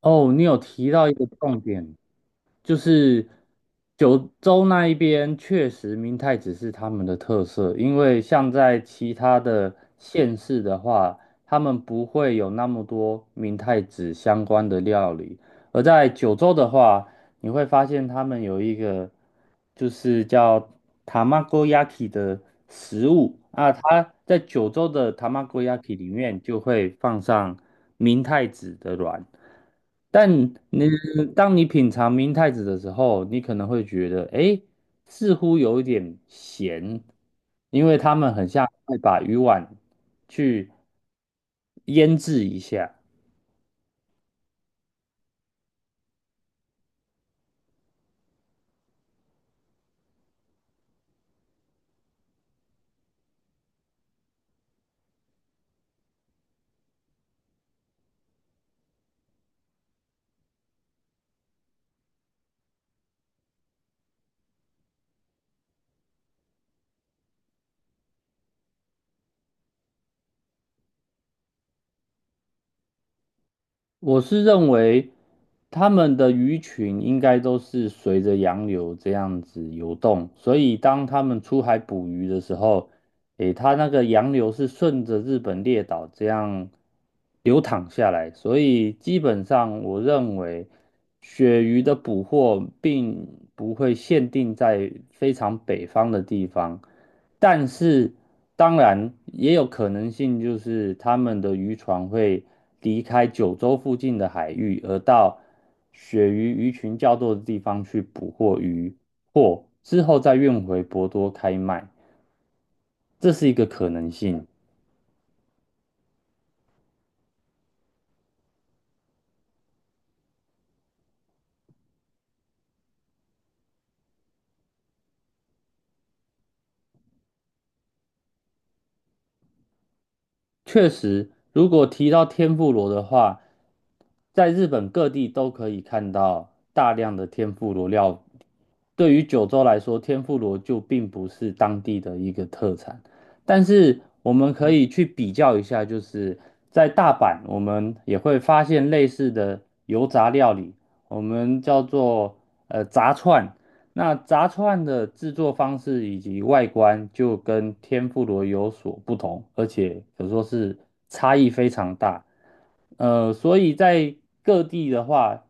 哦，你有提到一个重点，就是九州那一边确实明太子是他们的特色，因为像在其他的县市的话，他们不会有那么多明太子相关的料理，而在九州的话，你会发现他们有一个就是叫 tamagoyaki 的食物啊，它在九州的 tamagoyaki 里面就会放上明太子的卵，但你当你品尝明太子的时候，你可能会觉得，哎，似乎有一点咸，因为他们很像会把鱼丸去腌制一下。我是认为他们的鱼群应该都是随着洋流这样子游动，所以当他们出海捕鱼的时候，诶，它那个洋流是顺着日本列岛这样流淌下来，所以基本上我认为鳕鱼的捕获并不会限定在非常北方的地方，但是当然也有可能性就是他们的渔船会离开九州附近的海域，而到鳕鱼鱼群较多的地方去捕获鱼或之后再运回博多开卖。这是一个可能性。确实，如果提到天妇罗的话，在日本各地都可以看到大量的天妇罗料对于九州来说，天妇罗就并不是当地的一个特产，但是我们可以去比较一下，就是在大阪，我们也会发现类似的油炸料理，我们叫做炸串。那炸串的制作方式以及外观就跟天妇罗有所不同，而且可说是差异非常大。所以在各地的话，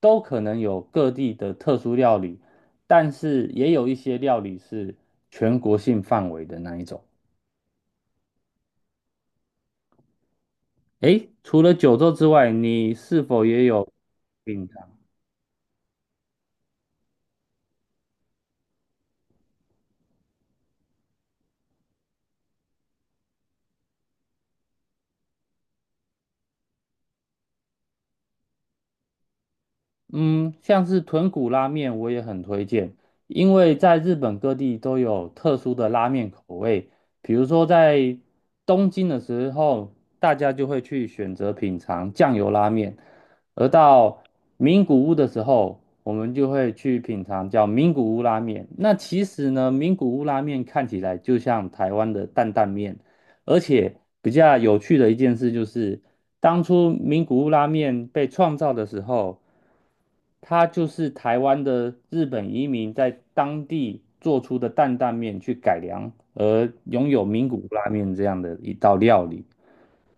都可能有各地的特殊料理，但是也有一些料理是全国性范围的那一种。诶，除了九州之外，你是否也有品尝嗯，像是豚骨拉面，我也很推荐，因为在日本各地都有特殊的拉面口味，比如说在东京的时候，大家就会去选择品尝酱油拉面，而到名古屋的时候，我们就会去品尝叫名古屋拉面。那其实呢，名古屋拉面看起来就像台湾的担担面，而且比较有趣的一件事就是，当初名古屋拉面被创造的时候。它就是台湾的日本移民在当地做出的担担面去改良，而拥有名古屋拉面这样的一道料理。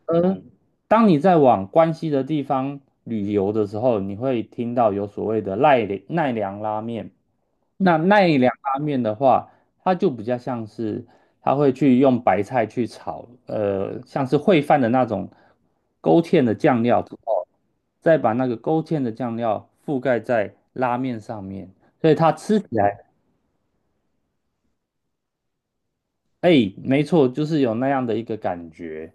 而当你在往关西的地方旅游的时候，你会听到有所谓的奈良拉面。那奈良拉面的话，它就比较像是，它会去用白菜去炒，像是烩饭的那种勾芡的酱料之后再把那个勾芡的酱料覆盖在拉面上面，所以它吃起来，哎，没错，就是有那样的一个感觉。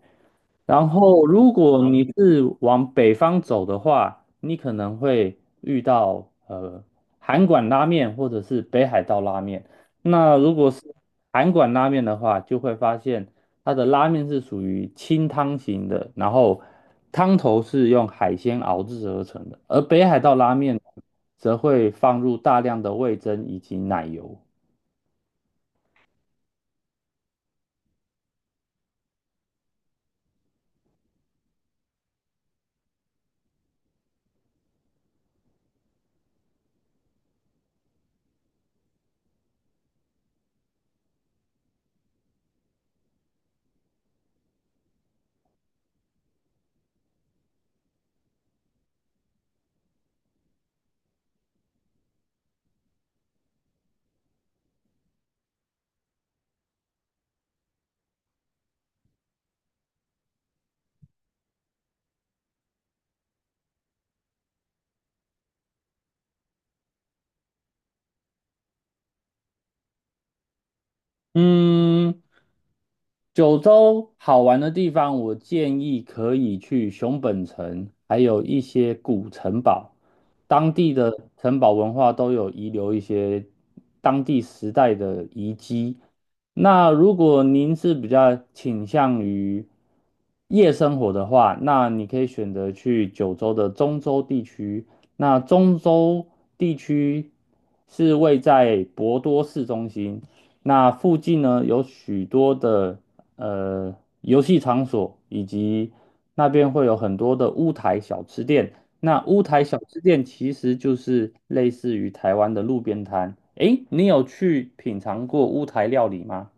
然后，如果你是往北方走的话，你可能会遇到韩馆拉面或者是北海道拉面。那如果是韩馆拉面的话，就会发现它的拉面是属于清汤型的，然后汤头是用海鲜熬制而成的，而北海道拉面则会放入大量的味噌以及奶油。嗯，九州好玩的地方，我建议可以去熊本城，还有一些古城堡，当地的城堡文化都有遗留一些当地时代的遗迹。那如果您是比较倾向于夜生活的话，那你可以选择去九州的中州地区。那中州地区是位在博多市中心。那附近呢，有许多的呃游戏场所，以及那边会有很多的乌台小吃店。那乌台小吃店其实就是类似于台湾的路边摊。诶，你有去品尝过乌台料理吗？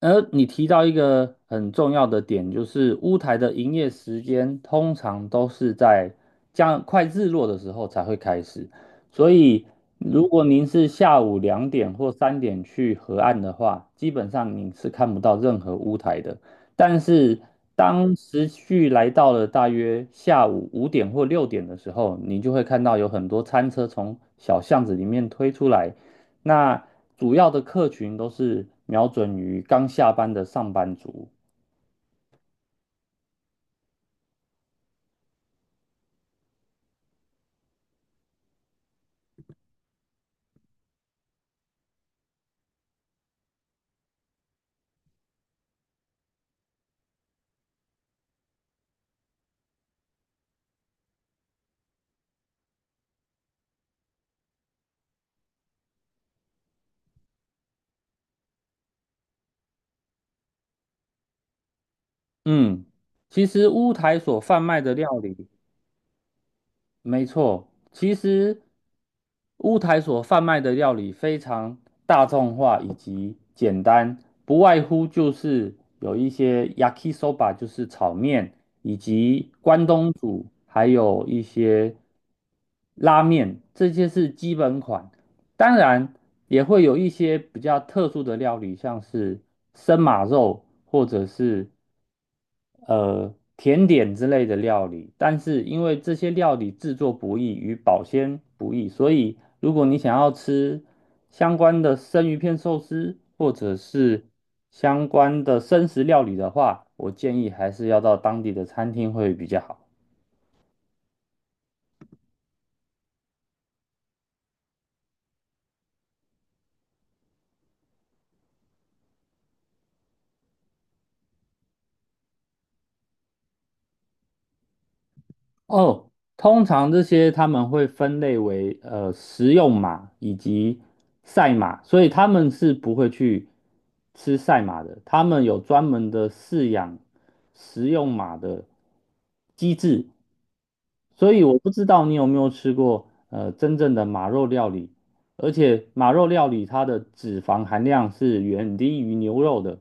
而你提到一个很重要的点，就是乌台的营业时间通常都是在将快日落的时候才会开始，所以如果您是下午2点或3点去河岸的话，基本上你是看不到任何乌台的。但是当时序来到了大约下午5点或6点的时候，你就会看到有很多餐车从小巷子里面推出来，那主要的客群都是瞄准于刚下班的上班族。嗯，其实乌台所贩卖的料理没错，其实乌台所贩卖的料理非常大众化以及简单，不外乎就是有一些 yakisoba，就是炒面，以及关东煮，还有一些拉面，这些是基本款。当然，也会有一些比较特殊的料理，像是生马肉或者是甜点之类的料理，但是因为这些料理制作不易与保鲜不易，所以如果你想要吃相关的生鱼片寿司或者是相关的生食料理的话，我建议还是要到当地的餐厅会比较好。哦，通常这些他们会分类为食用马以及赛马，所以他们是不会去吃赛马的。他们有专门的饲养食用马的机制，所以我不知道你有没有吃过真正的马肉料理，而且马肉料理它的脂肪含量是远低于牛肉的。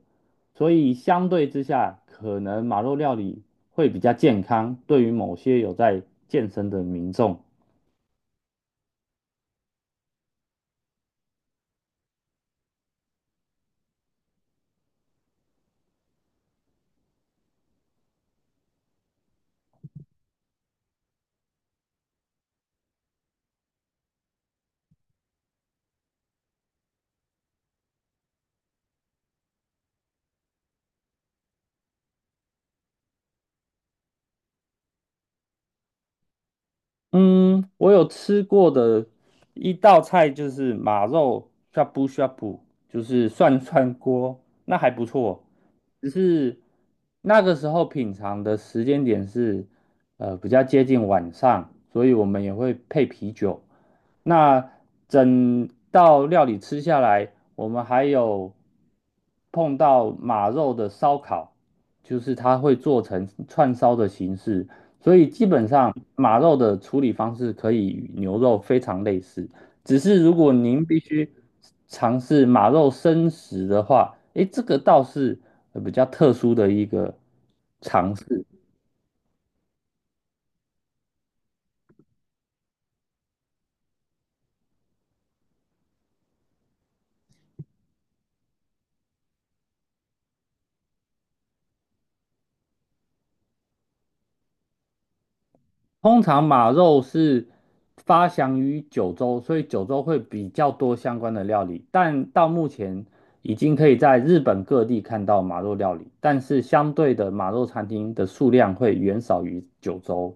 所以相对之下，可能马肉料理会比较健康，对于某些有在健身的民众嗯，我有吃过的一道菜就是马肉 shabu s 就是涮涮锅，那还不错。只是那个时候品尝的时间点是比较接近晚上，所以我们也会配啤酒。那整道料理吃下来，我们还有碰到马肉的烧烤，就是它会做成串烧的形式。所以基本上马肉的处理方式可以与牛肉非常类似，只是如果您必须尝试马肉生食的话，诶，这个倒是比较特殊的一个尝试。通常马肉是发祥于九州，所以九州会比较多相关的料理，但到目前已经可以在日本各地看到马肉料理，但是相对的马肉餐厅的数量会远少于九州。